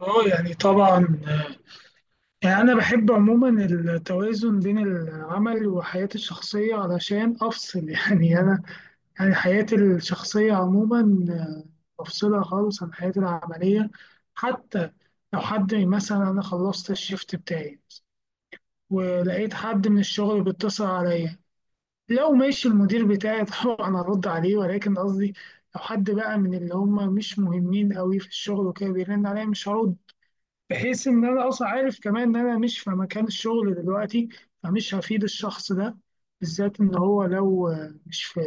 طبعا. يعني انا بحب عموما التوازن بين العمل وحياتي الشخصيه علشان افصل. يعني انا يعني حياتي الشخصيه عموما، بفصلها خالص عن حياتي العمليه. حتى لو حد مثلا انا خلصت الشيفت بتاعي ولقيت حد من الشغل بيتصل عليا، لو ماشي المدير بتاعي طبعا ارد عليه، ولكن قصدي لو حد بقى من اللي هم مش مهمين قوي في الشغل وكده بيرن عليا مش هرد، بحيث ان انا اصلا عارف كمان ان انا مش في مكان الشغل دلوقتي، فمش هفيد الشخص ده. بالذات ان هو لو مش في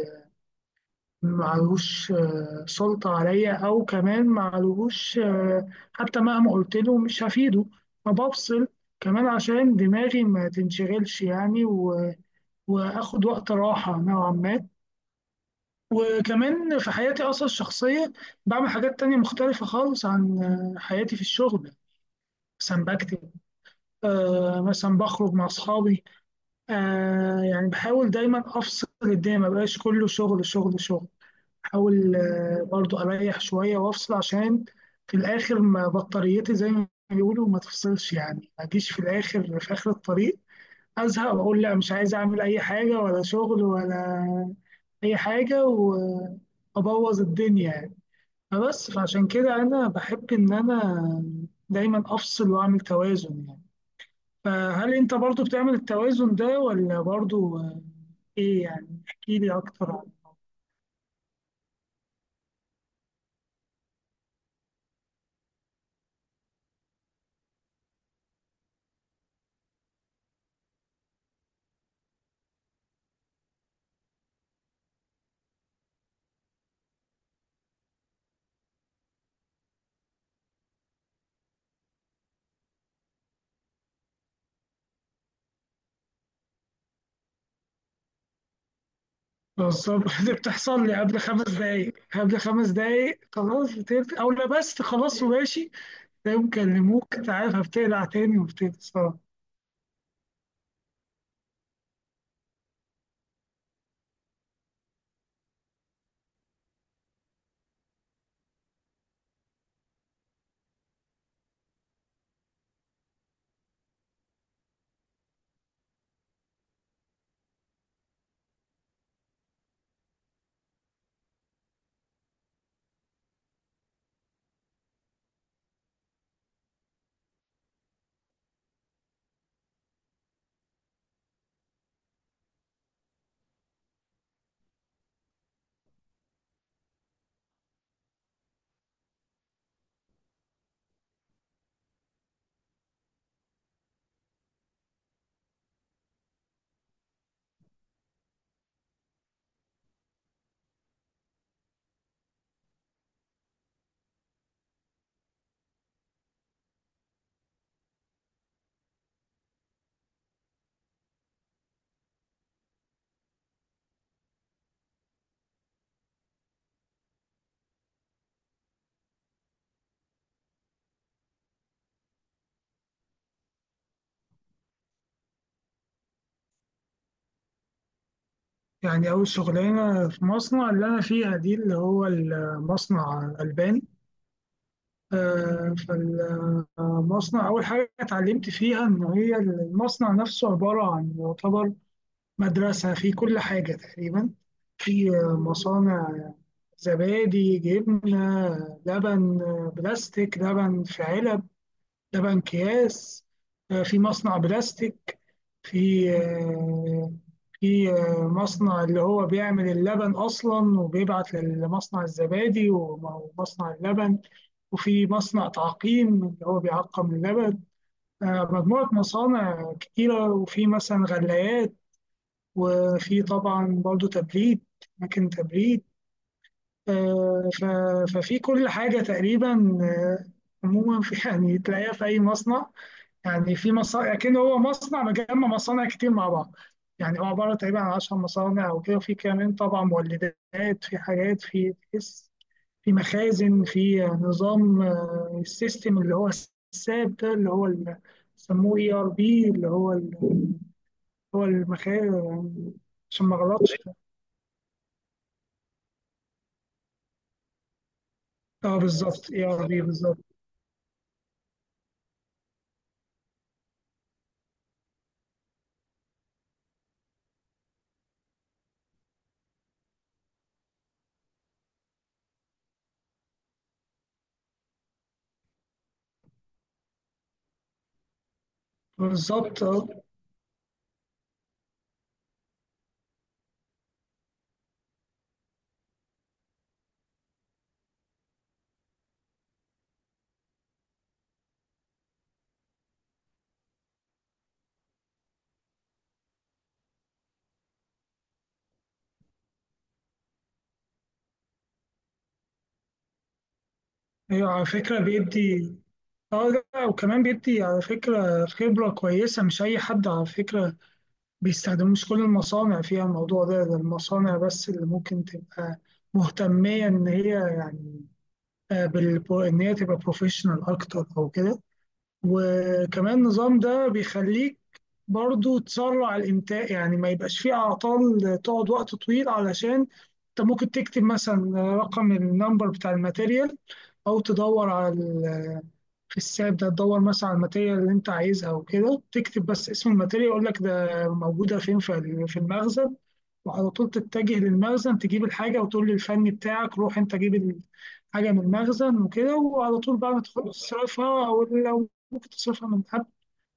معلوش سلطة عليا، او كمان معلوش حتى مهما قلت له مش هفيده. فبفصل كمان عشان دماغي ما تنشغلش يعني واخد وقت راحة نوعا ما. وكمان في حياتي اصلا الشخصية بعمل حاجات تانية مختلفة خالص عن حياتي في الشغل. مثلا بكتب، مثلا بخرج مع أصحابي. يعني بحاول دايما أفصل الدنيا، ما بقاش كله شغل شغل شغل. بحاول برضو أريح شوية وأفصل، عشان في الآخر ما بطاريتي زي ما بيقولوا ما تفصلش يعني، ما أجيش في الآخر في آخر الطريق أزهق وأقول لا مش عايز أعمل أي حاجة ولا شغل ولا أي حاجة وأبوظ الدنيا يعني. فبس فعشان كده أنا بحب إن أنا دايما أفصل وأعمل توازن يعني. فهل انت برضو بتعمل التوازن ده؟ ولا برضو ايه يعني، احكي لي اكتر عن. بالظبط. دي بتحصل لي قبل خمس دقايق، قبل خمس دقايق خلاص بتقفل او لبست خلاص وماشي، تلاقيهم كلموك، انت عارف هبتقلع تاني، وبتقلع صراحة. يعني أول شغلانة في مصنع اللي أنا فيها دي اللي هو المصنع الألباني. آه، فالمصنع أول حاجة اتعلمت فيها إن هي المصنع نفسه عبارة عن يعتبر مدرسة في كل حاجة تقريبا. في مصانع زبادي، جبنة، لبن، بلاستيك، لبن في علب، لبن أكياس، في مصنع بلاستيك، في في مصنع اللي هو بيعمل اللبن أصلا وبيبعت لمصنع الزبادي ومصنع اللبن، وفي مصنع تعقيم اللي هو بيعقم اللبن. مجموعة مصانع كتيرة، وفي مثلا غلايات، وفي طبعا برضو تبريد، أماكن تبريد. آه، ف- ففي كل حاجة تقريبا، عموما. في يعني تلاقيها في أي مصنع يعني، في مصانع، لكن هو مصنع مجمع مصانع كتير مع بعض. يعني هو عبارة تقريبا عن 10 مصانع أو كده، وفي كمان طبعا مولدات، في حاجات في في مخازن، في نظام السيستم اللي هو الساب ده اللي هو بيسموه اي ار بي اللي هو هو المخازن، عشان ما أغلطش. اه بالظبط، اي ار بي بالظبط. بالظبط، اه. ايوه على فكرة بيدي، اه. لا، وكمان بيدي على فكرة خبرة كويسة. مش أي حد على فكرة بيستخدمه، مش كل المصانع فيها الموضوع ده. ده المصانع بس اللي ممكن تبقى مهتمية إن هي يعني بال إن هي تبقى بروفيشنال أكتر أو كده. وكمان النظام ده بيخليك برضو تسرع الإنتاج، يعني ما يبقاش فيه أعطال تقعد وقت طويل، علشان أنت ممكن تكتب مثلا رقم النمبر بتاع الماتيريال، أو تدور على في الساب ده تدور مثلا على الماتيريال اللي أنت عايزها وكده، تكتب بس اسم الماتيريال يقول لك ده موجودة فين في في المخزن، وعلى طول تتجه للمخزن تجيب الحاجة، وتقول للفني بتاعك روح أنت جيب الحاجة من المخزن وكده، وعلى طول بقى ما تخلص تصرفها، أو لو ممكن تصرفها من قبل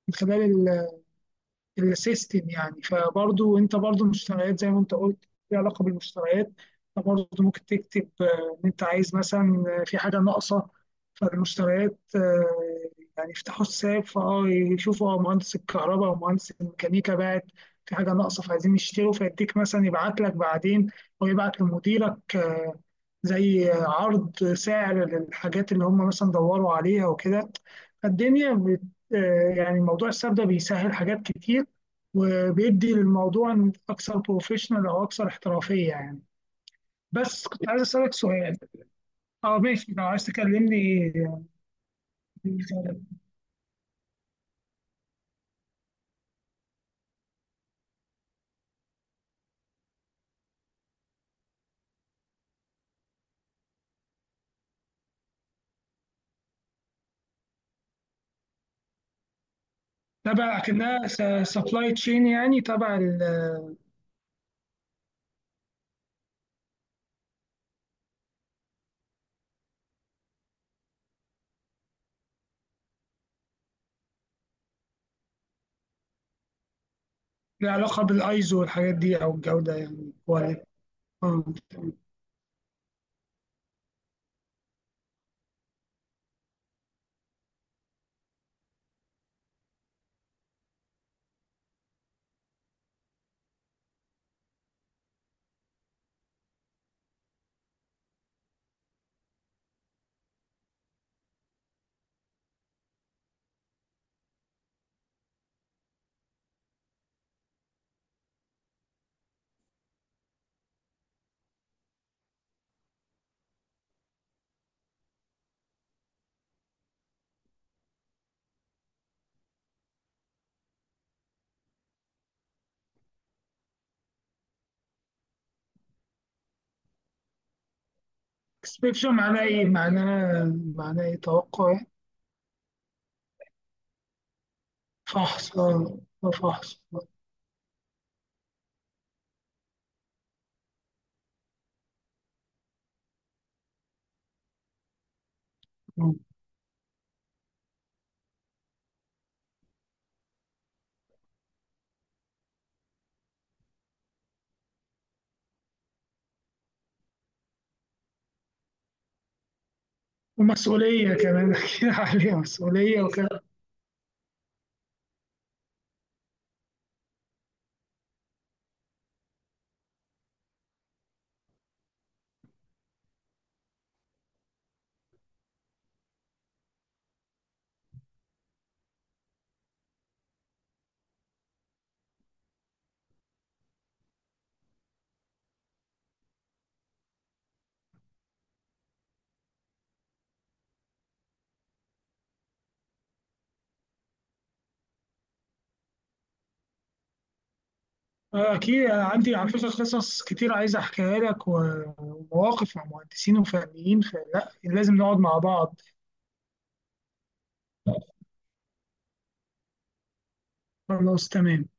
من خلال السيستم يعني. فبرضو انت برضو المشتريات زي ما انت قلت ليها علاقه بالمشتريات، فبرضو ممكن تكتب ان انت عايز مثلا، في حاجه ناقصه فالمشتريات، يعني يفتحوا الساب فاه يشوفوا اه مهندس الكهرباء ومهندس الميكانيكا بعت في حاجه ناقصه فعايزين نشتروا، فيديك مثلا يبعت لك بعدين، او يبعت لمديرك زي عرض سعر للحاجات اللي هم مثلا دوروا عليها وكده. فالدنيا بت آه، يعني موضوع الساب ده بيسهل حاجات كتير، وبيدي للموضوع اكثر بروفيشنال او اكثر احترافيه يعني. بس كنت عايز اسالك سؤال. اه ماشي، لو عايز تكلمني إيه؟ تبع كأنها سبلاي تشين يعني تبع العلاقة بالايزو والحاجات دي او الجودة يعني، كواليتي. اكسبكشن معناه ايه؟ معناه ايه توقع يعني. فحص، فحص. آه. ومسؤولية كمان، أكيد عليها مسؤولية وكده. آه، أكيد أنا عندي على فكرة قصص كتير عايز أحكيها لك ومواقف مع مهندسين وفنيين، فلا لازم نقعد مع بعض. خلاص تمام.